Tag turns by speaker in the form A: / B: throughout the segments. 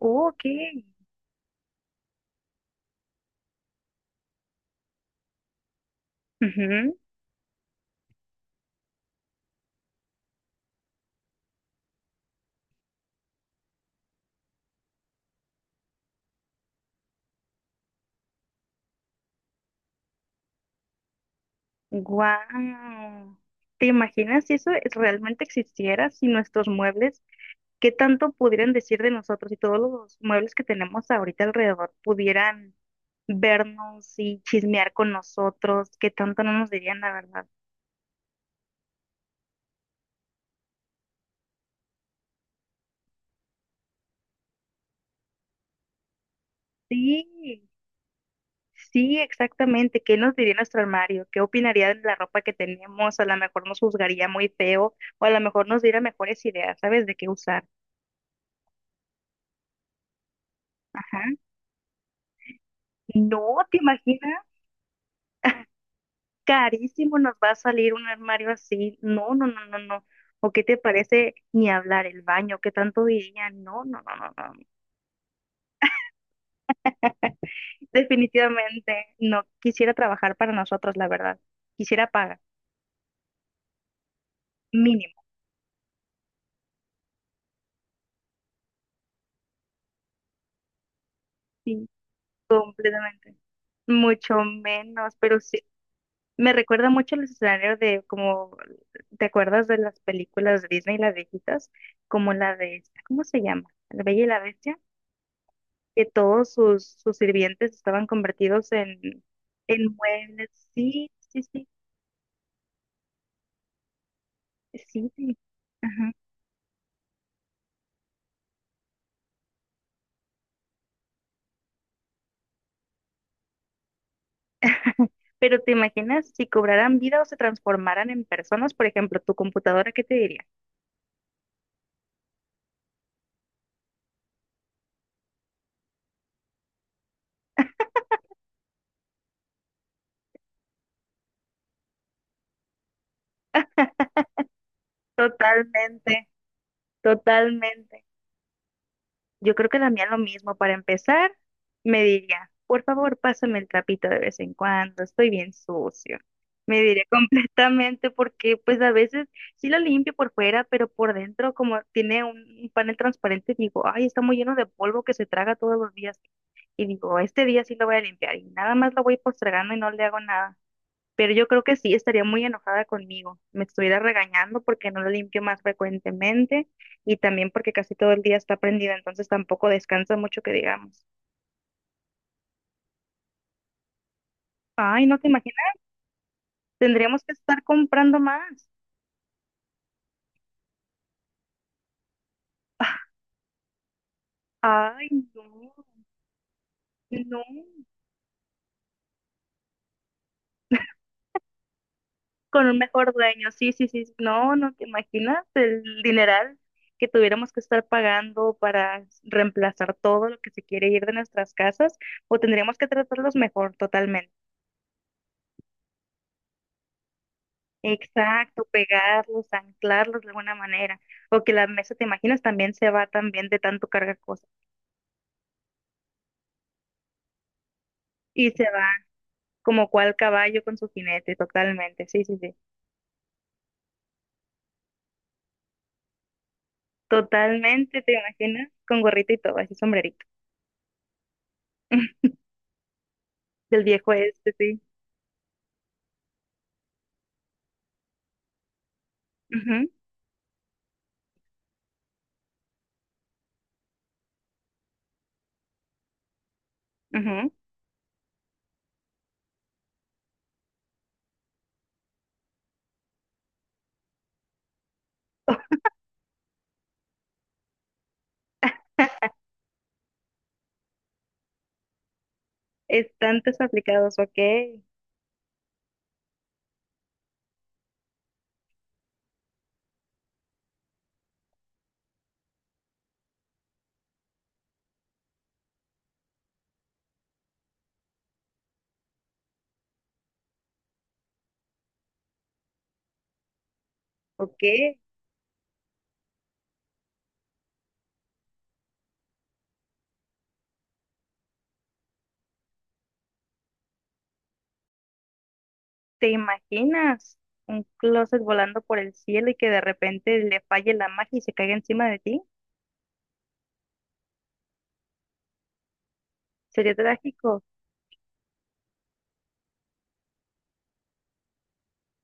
A: Oh, ok. Wow. ¿Te imaginas si realmente existiera, si nuestros muebles, qué tanto pudieran decir de nosotros y todos los muebles que tenemos ahorita alrededor pudieran vernos y chismear con nosotros, qué tanto no nos dirían la verdad? Sí, sí, exactamente. ¿Qué nos diría nuestro armario? ¿Qué opinaría de la ropa que tenemos? A lo mejor nos juzgaría muy feo o a lo mejor nos diera mejores ideas, ¿sabes? De qué usar. Ajá. No, ¿te imaginas? Carísimo nos va a salir un armario así. No, no, no, no, no. ¿O qué te parece ni hablar el baño? ¿Qué tanto diría? No, no, no, no, no. Definitivamente no quisiera trabajar para nosotros, la verdad. Quisiera pagar mínimo. Sí, completamente. Mucho menos, pero sí. Me recuerda mucho el escenario de, como, ¿te acuerdas de las películas de Disney, las viejitas? Como la de, ¿cómo se llama? La Bella y la Bestia. Que todos sus sirvientes estaban convertidos en muebles. Sí, sí, sí, sí, sí. Ajá. Pero te imaginas si cobraran vida o se transformaran en personas, por ejemplo, tu computadora, ¿qué te diría? Totalmente, totalmente. Yo creo que la mía lo mismo. Para empezar, me diría, por favor, pásame el trapito de vez en cuando, estoy bien sucio. Me diría completamente porque, pues, a veces sí lo limpio por fuera, pero por dentro, como tiene un panel transparente, digo, ay, está muy lleno de polvo que se traga todos los días. Y digo, este día sí lo voy a limpiar y nada más lo voy postergando y no le hago nada, pero yo creo que sí estaría muy enojada conmigo, me estuviera regañando porque no lo limpio más frecuentemente, y también porque casi todo el día está prendida, entonces tampoco descansa mucho, que digamos. Ay, no te imaginas, tendríamos que estar comprando más. Ay, no, no, con un mejor dueño, sí, sí, sí, no, no te imaginas el dineral que tuviéramos que estar pagando para reemplazar todo lo que se quiere ir de nuestras casas, o tendríamos que tratarlos mejor, totalmente. Exacto, pegarlos, anclarlos de alguna manera, o que la mesa, te imaginas, también se va, también de tanto cargar cosas, y se va como cual caballo con su jinete, totalmente, sí, sí, sí, totalmente, te imaginas, con gorrito y todo, así, sombrerito, del viejo este, sí, ujú, ujú. Estantes aplicados, ok, ok, te imaginas un closet volando por el cielo y que de repente le falle la magia y se caiga encima de ti, sería trágico.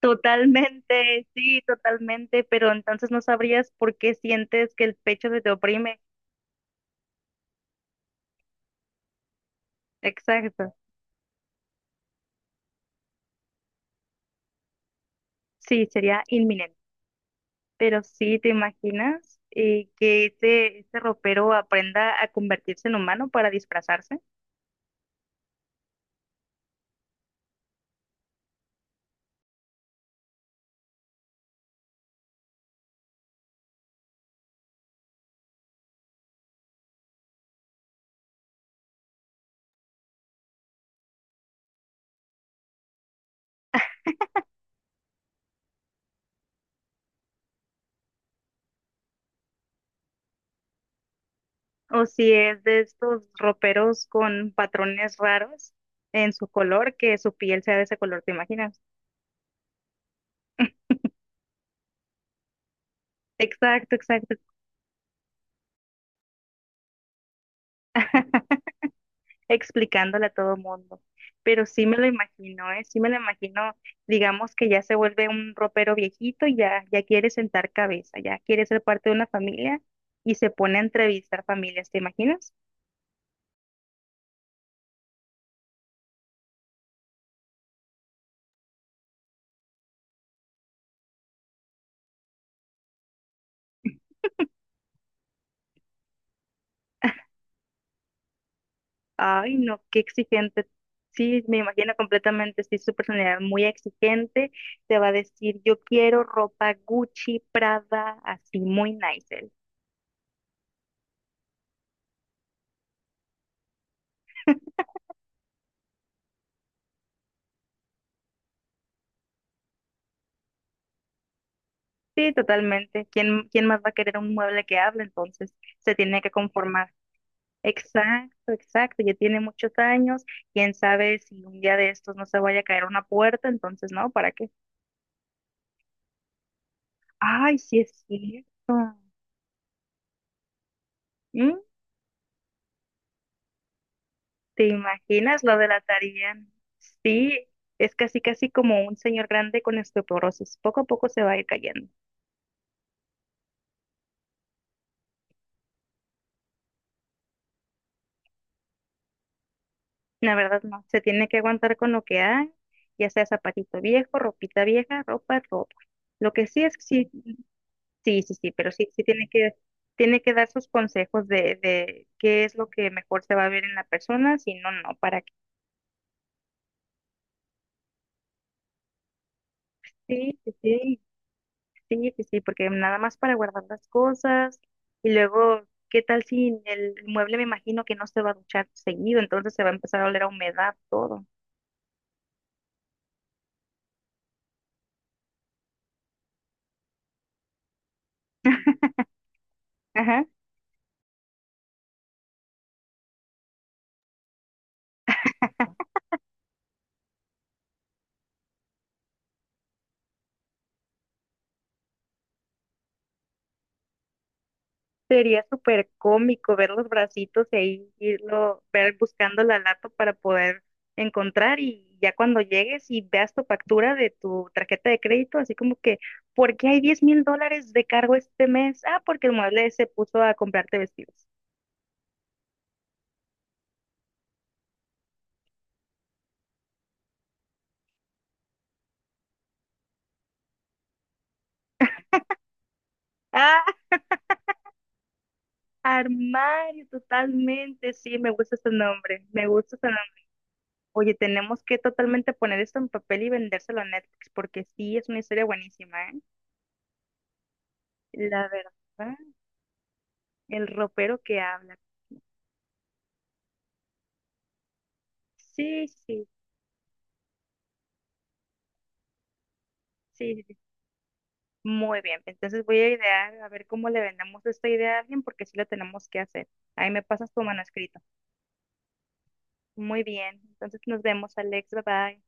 A: Totalmente, sí, totalmente, pero entonces no sabrías por qué sientes que el pecho se te oprime. Exacto. Sí, sería inminente. Pero sí, ¿te imaginas, que ese ropero aprenda a convertirse en humano para disfrazarse? O si es de estos roperos con patrones raros en su color, que su piel sea de ese color, ¿te imaginas? Exacto, exacto. Explicándole a todo mundo. Pero sí me lo imagino, ¿eh? Sí me lo imagino, digamos que ya se vuelve un ropero viejito y ya, ya quiere sentar cabeza, ya quiere ser parte de una familia y se pone a entrevistar familias, ¿te imaginas? Ay, no, qué exigente. Sí, me imagino completamente, sí, su personalidad muy exigente. Te va a decir, yo quiero ropa Gucci, Prada, así, muy nice. Él. Sí, totalmente. ¿Quién, quién más va a querer un mueble que hable? Entonces, se tiene que conformar. Exacto, exacto, ya tiene muchos años, quién sabe si un día de estos no se vaya a caer una puerta, entonces no, ¿para qué? Ay, sí es cierto. ¿Mm? ¿Te imaginas lo de la tarea? Sí, es casi casi como un señor grande con osteoporosis, poco a poco se va a ir cayendo. La verdad no, se tiene que aguantar con lo que hay, ya sea zapatito viejo, ropita vieja, ropa, ropa. Lo que sí es que sí, sí, sí, sí, pero sí, sí tiene que dar sus consejos de qué es lo que mejor se va a ver en la persona, si no, no, para qué. Sí, sí, sí, sí, sí, sí, porque nada más para guardar las cosas, y luego, ¿qué tal si el mueble, me imagino que no se va a duchar seguido, entonces se va a empezar a oler a humedad todo? Ajá. Sería súper cómico ver los bracitos y ahí irlo, ver buscando la lata para poder encontrar, y ya cuando llegues y veas tu factura de tu tarjeta de crédito, así como que, ¿por qué hay 10.000 dólares de cargo este mes? Ah, porque el mueble se puso a comprarte vestidos. Ah, armario, totalmente, sí, me gusta ese nombre, me gusta ese nombre. Oye, tenemos que totalmente poner esto en papel y vendérselo a Netflix, porque sí, es una historia buenísima, ¿eh? La verdad, el ropero que habla. Sí, sí, sí, sí. Muy bien. Entonces voy a idear a ver cómo le vendemos esta idea a alguien, porque sí lo tenemos que hacer. Ahí me pasas tu manuscrito. Muy bien. Entonces nos vemos, Alex. Bye bye.